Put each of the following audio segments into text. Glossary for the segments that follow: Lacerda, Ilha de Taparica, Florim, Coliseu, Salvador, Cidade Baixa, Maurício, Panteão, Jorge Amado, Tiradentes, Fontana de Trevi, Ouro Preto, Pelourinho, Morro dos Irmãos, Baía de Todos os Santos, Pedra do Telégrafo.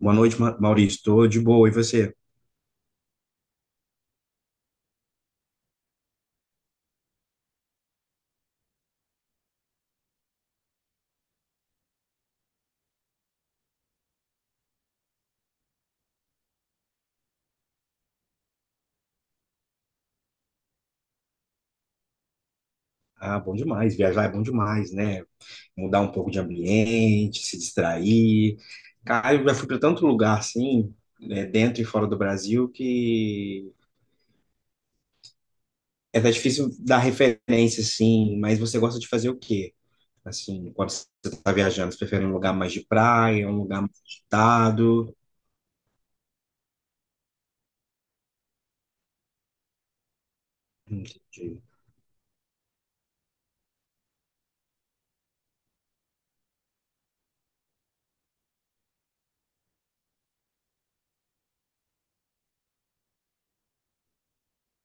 Boa noite, Maurício. Tô de boa. E você? Ah, bom demais. Viajar é bom demais, né? Mudar um pouco de ambiente, se distrair. Cara, eu já fui para tanto lugar assim, né, dentro e fora do Brasil, que é até difícil dar referência, assim. Mas você gosta de fazer o quê? Assim, quando você está viajando, você prefere um lugar mais de praia, um lugar mais agitado? Entendi.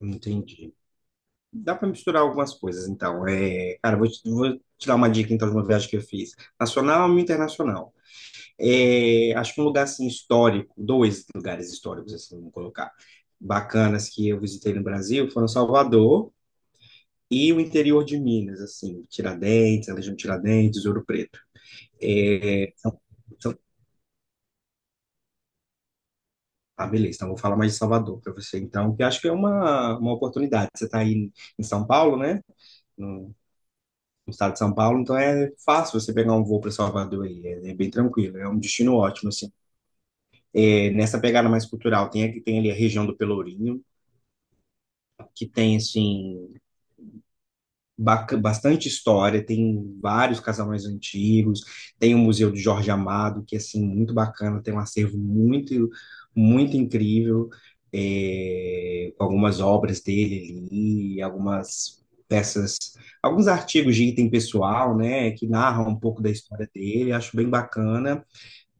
Entendi. Dá para misturar algumas coisas, então. É, cara, vou te dar uma dica, então, de uma viagem que eu fiz. Nacional e internacional. É, acho que um lugar, assim, histórico, dois lugares históricos, assim, vamos colocar, bacanas que eu visitei no Brasil foram Salvador e o interior de Minas, assim, Tiradentes, a região de Tiradentes, Ouro Preto. É, são- ah, beleza, então vou falar mais de Salvador para você, então, que eu acho que é uma oportunidade. Você está aí em São Paulo, né? No estado de São Paulo, então é fácil você pegar um voo para Salvador aí, é bem tranquilo, é um destino ótimo, assim. É, nessa pegada mais cultural, tem, tem ali a região do Pelourinho, que tem, assim, bastante história, tem vários casarões antigos, tem o Museu de Jorge Amado, que é assim, muito bacana, tem um acervo muito, muito incrível, é, com algumas obras dele ali, algumas peças, alguns artigos de item pessoal, né, que narram um pouco da história dele, acho bem bacana.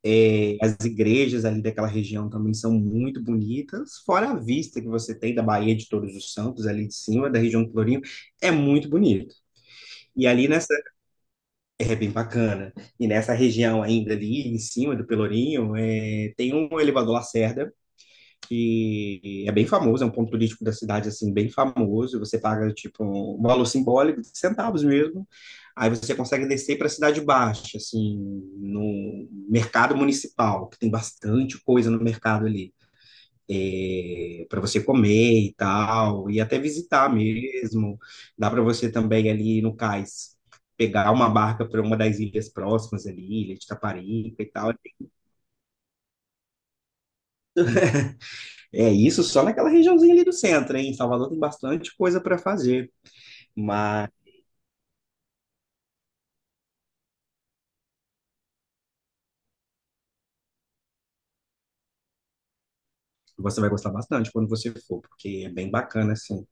É, as igrejas ali daquela região também são muito bonitas, fora a vista que você tem da Baía de Todos os Santos, ali de cima, da região de Florim, é muito bonito. E ali nessa. É bem bacana. E nessa região ainda ali, em cima do Pelourinho, é, tem um elevador Lacerda, que é bem famoso, é um ponto turístico da cidade, assim, bem famoso. Você paga, tipo, um valor simbólico, centavos mesmo. Aí você consegue descer para a Cidade Baixa, assim, no mercado municipal, que tem bastante coisa no mercado ali para você comer e tal, e até visitar mesmo. Dá para você também ali no cais pegar uma barca para uma das ilhas próximas ali, Ilha de Taparica e tal. É isso só naquela regiãozinha ali do centro, hein? Em Salvador tem bastante coisa para fazer, mas você vai gostar bastante quando você for, porque é bem bacana assim.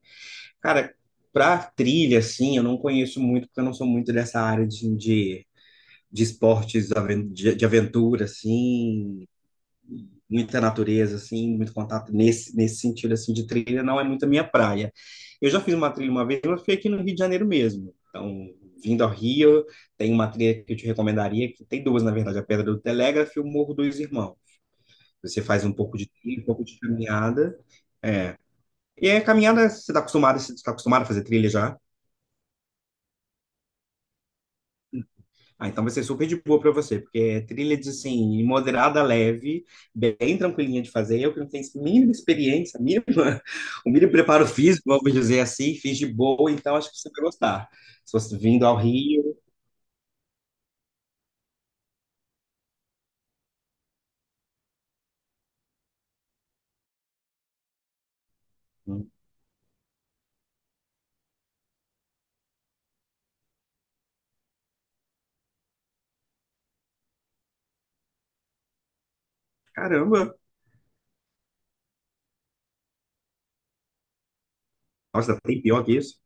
Cara, para trilha assim, eu não conheço muito, porque eu não sou muito dessa área de esportes de aventura, assim, muita natureza, assim, muito contato nesse sentido, assim, de trilha, não é muito a minha praia. Eu já fiz uma trilha uma vez, mas foi aqui no Rio de Janeiro mesmo. Então, vindo ao Rio, tem uma trilha que eu te recomendaria, que tem duas, na verdade, a Pedra do Telégrafo e o Morro dos Irmãos. Você faz um pouco de trilha, um pouco de caminhada. É. E a caminhada, você está acostumado a fazer trilha já? Ah, então vai ser super de boa para você, porque é trilha de, assim, moderada, leve, bem tranquilinha de fazer. Eu que não tenho mínima experiência, mínima, o mínimo preparo físico, vamos dizer assim, fiz de boa, então acho que você vai gostar. Se você vindo ao Rio. Hum. Caramba. Nossa, tem pior que isso?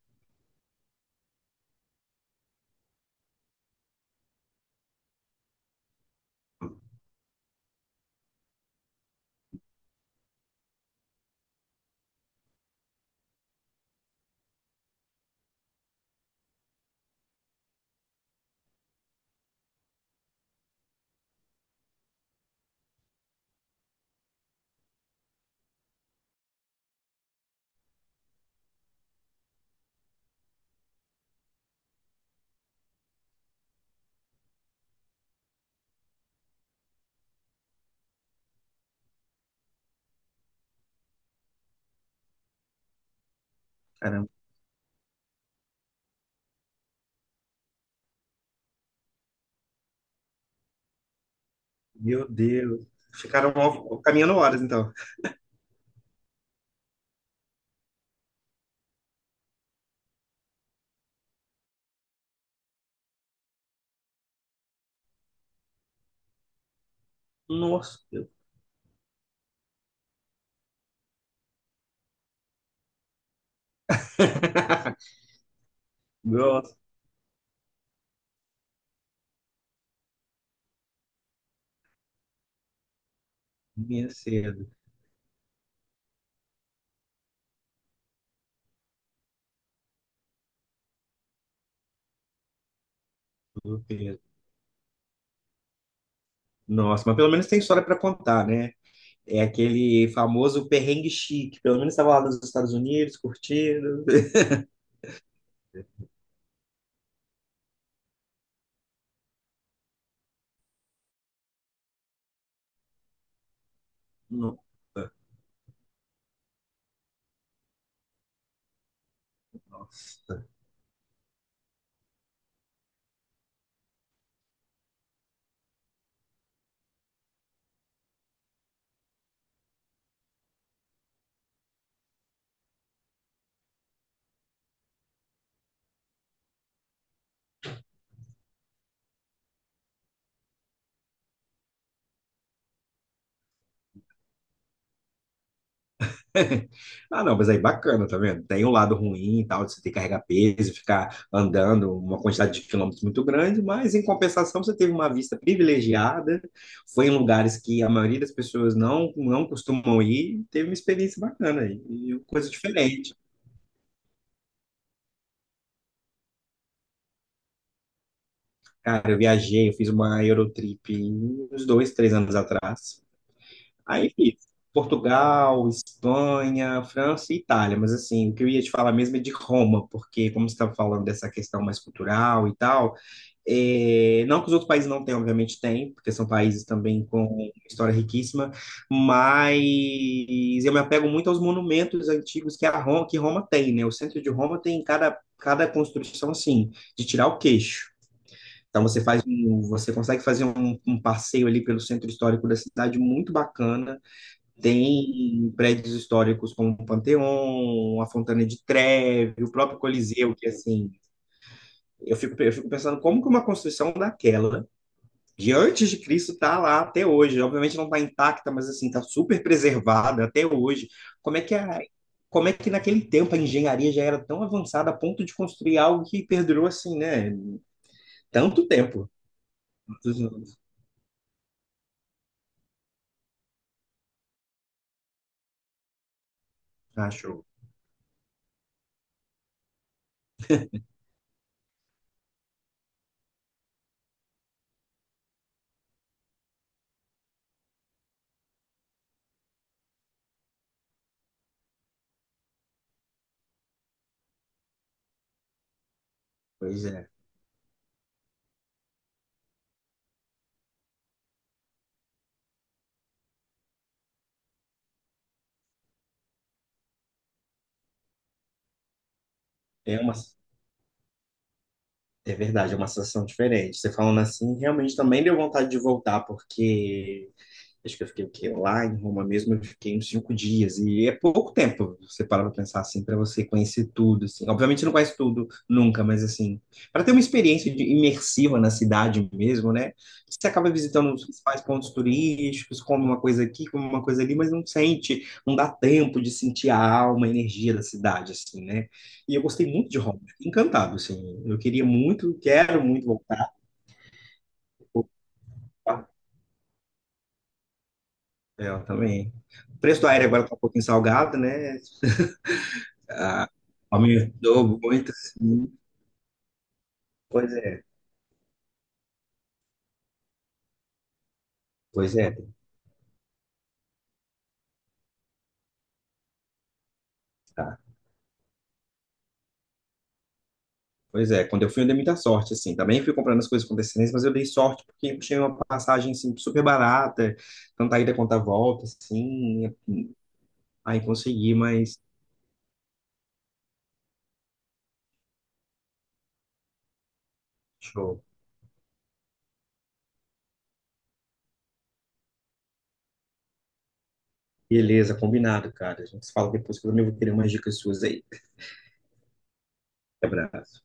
Caramba, meu Deus. Ficaram ó, caminhando horas, então. Nossa, Deus. Nossa, minha cedo. Meu Deus. Nossa, mas pelo menos tem história para contar, né? É aquele famoso perrengue chique. Pelo menos estava lá nos Estados Unidos, curtindo. Não. Nossa. Ah, não, mas aí bacana, tá vendo? Tem um lado ruim e tal, de você ter que carregar peso, ficar andando uma quantidade de quilômetros muito grande, mas em compensação você teve uma vista privilegiada, foi em lugares que a maioria das pessoas não, não costumam ir, teve uma experiência bacana aí, e coisa diferente. Cara, eu viajei, eu fiz uma Eurotrip uns 2, 3 anos atrás. Aí fiz Portugal, Espanha, França e Itália, mas assim, o que eu ia te falar mesmo é de Roma, porque como você estava falando dessa questão mais cultural e tal, é, não que os outros países não tenham, obviamente tem, porque são países também com história riquíssima, mas eu me apego muito aos monumentos antigos que Roma tem, né? O centro de Roma tem cada construção, assim, de tirar o queixo. Então você consegue fazer um passeio ali pelo centro histórico da cidade muito bacana, tem prédios históricos como o Panteão, a Fontana de Trevi, o próprio Coliseu, que assim, eu fico pensando como que uma construção daquela, de antes de Cristo, está lá até hoje. Obviamente não está intacta, mas assim, está super preservada até hoje. Como é que a, como é que naquele tempo a engenharia já era tão avançada a ponto de construir algo que perdurou assim, né? Tanto tempo. Tantos anos. Ah, show. Pois é. É uma. É verdade, é uma sensação diferente. Você falando assim, realmente também deu vontade de voltar, porque acho que eu fiquei o quê? Lá em Roma mesmo, eu fiquei uns 5 dias. E é pouco tempo, você para pra pensar assim, para você conhecer tudo, assim. Obviamente não conhece tudo nunca, mas assim, para ter uma experiência imersiva na cidade mesmo, né? Você acaba visitando os principais pontos turísticos, come uma coisa aqui, come uma coisa ali, mas não sente, não dá tempo de sentir a alma, a energia da cidade, assim, né? E eu gostei muito de Roma, fiquei encantado, assim. Eu queria muito, quero muito voltar. É, eu também. O preço do aéreo agora está um pouquinho salgado, né? Ah, aumentou muito, sim. Pois é, pois é, tem que estar. Pois é, quando eu fui, eu dei muita sorte, assim. Também fui comprando as coisas com antecedência, mas eu dei sorte porque eu tinha uma passagem, assim, super barata, tanto a ida quanto a volta, assim. Aí consegui, mas show. Beleza, combinado, cara. A gente se fala depois que eu também vou querer umas dicas suas aí. Abraço.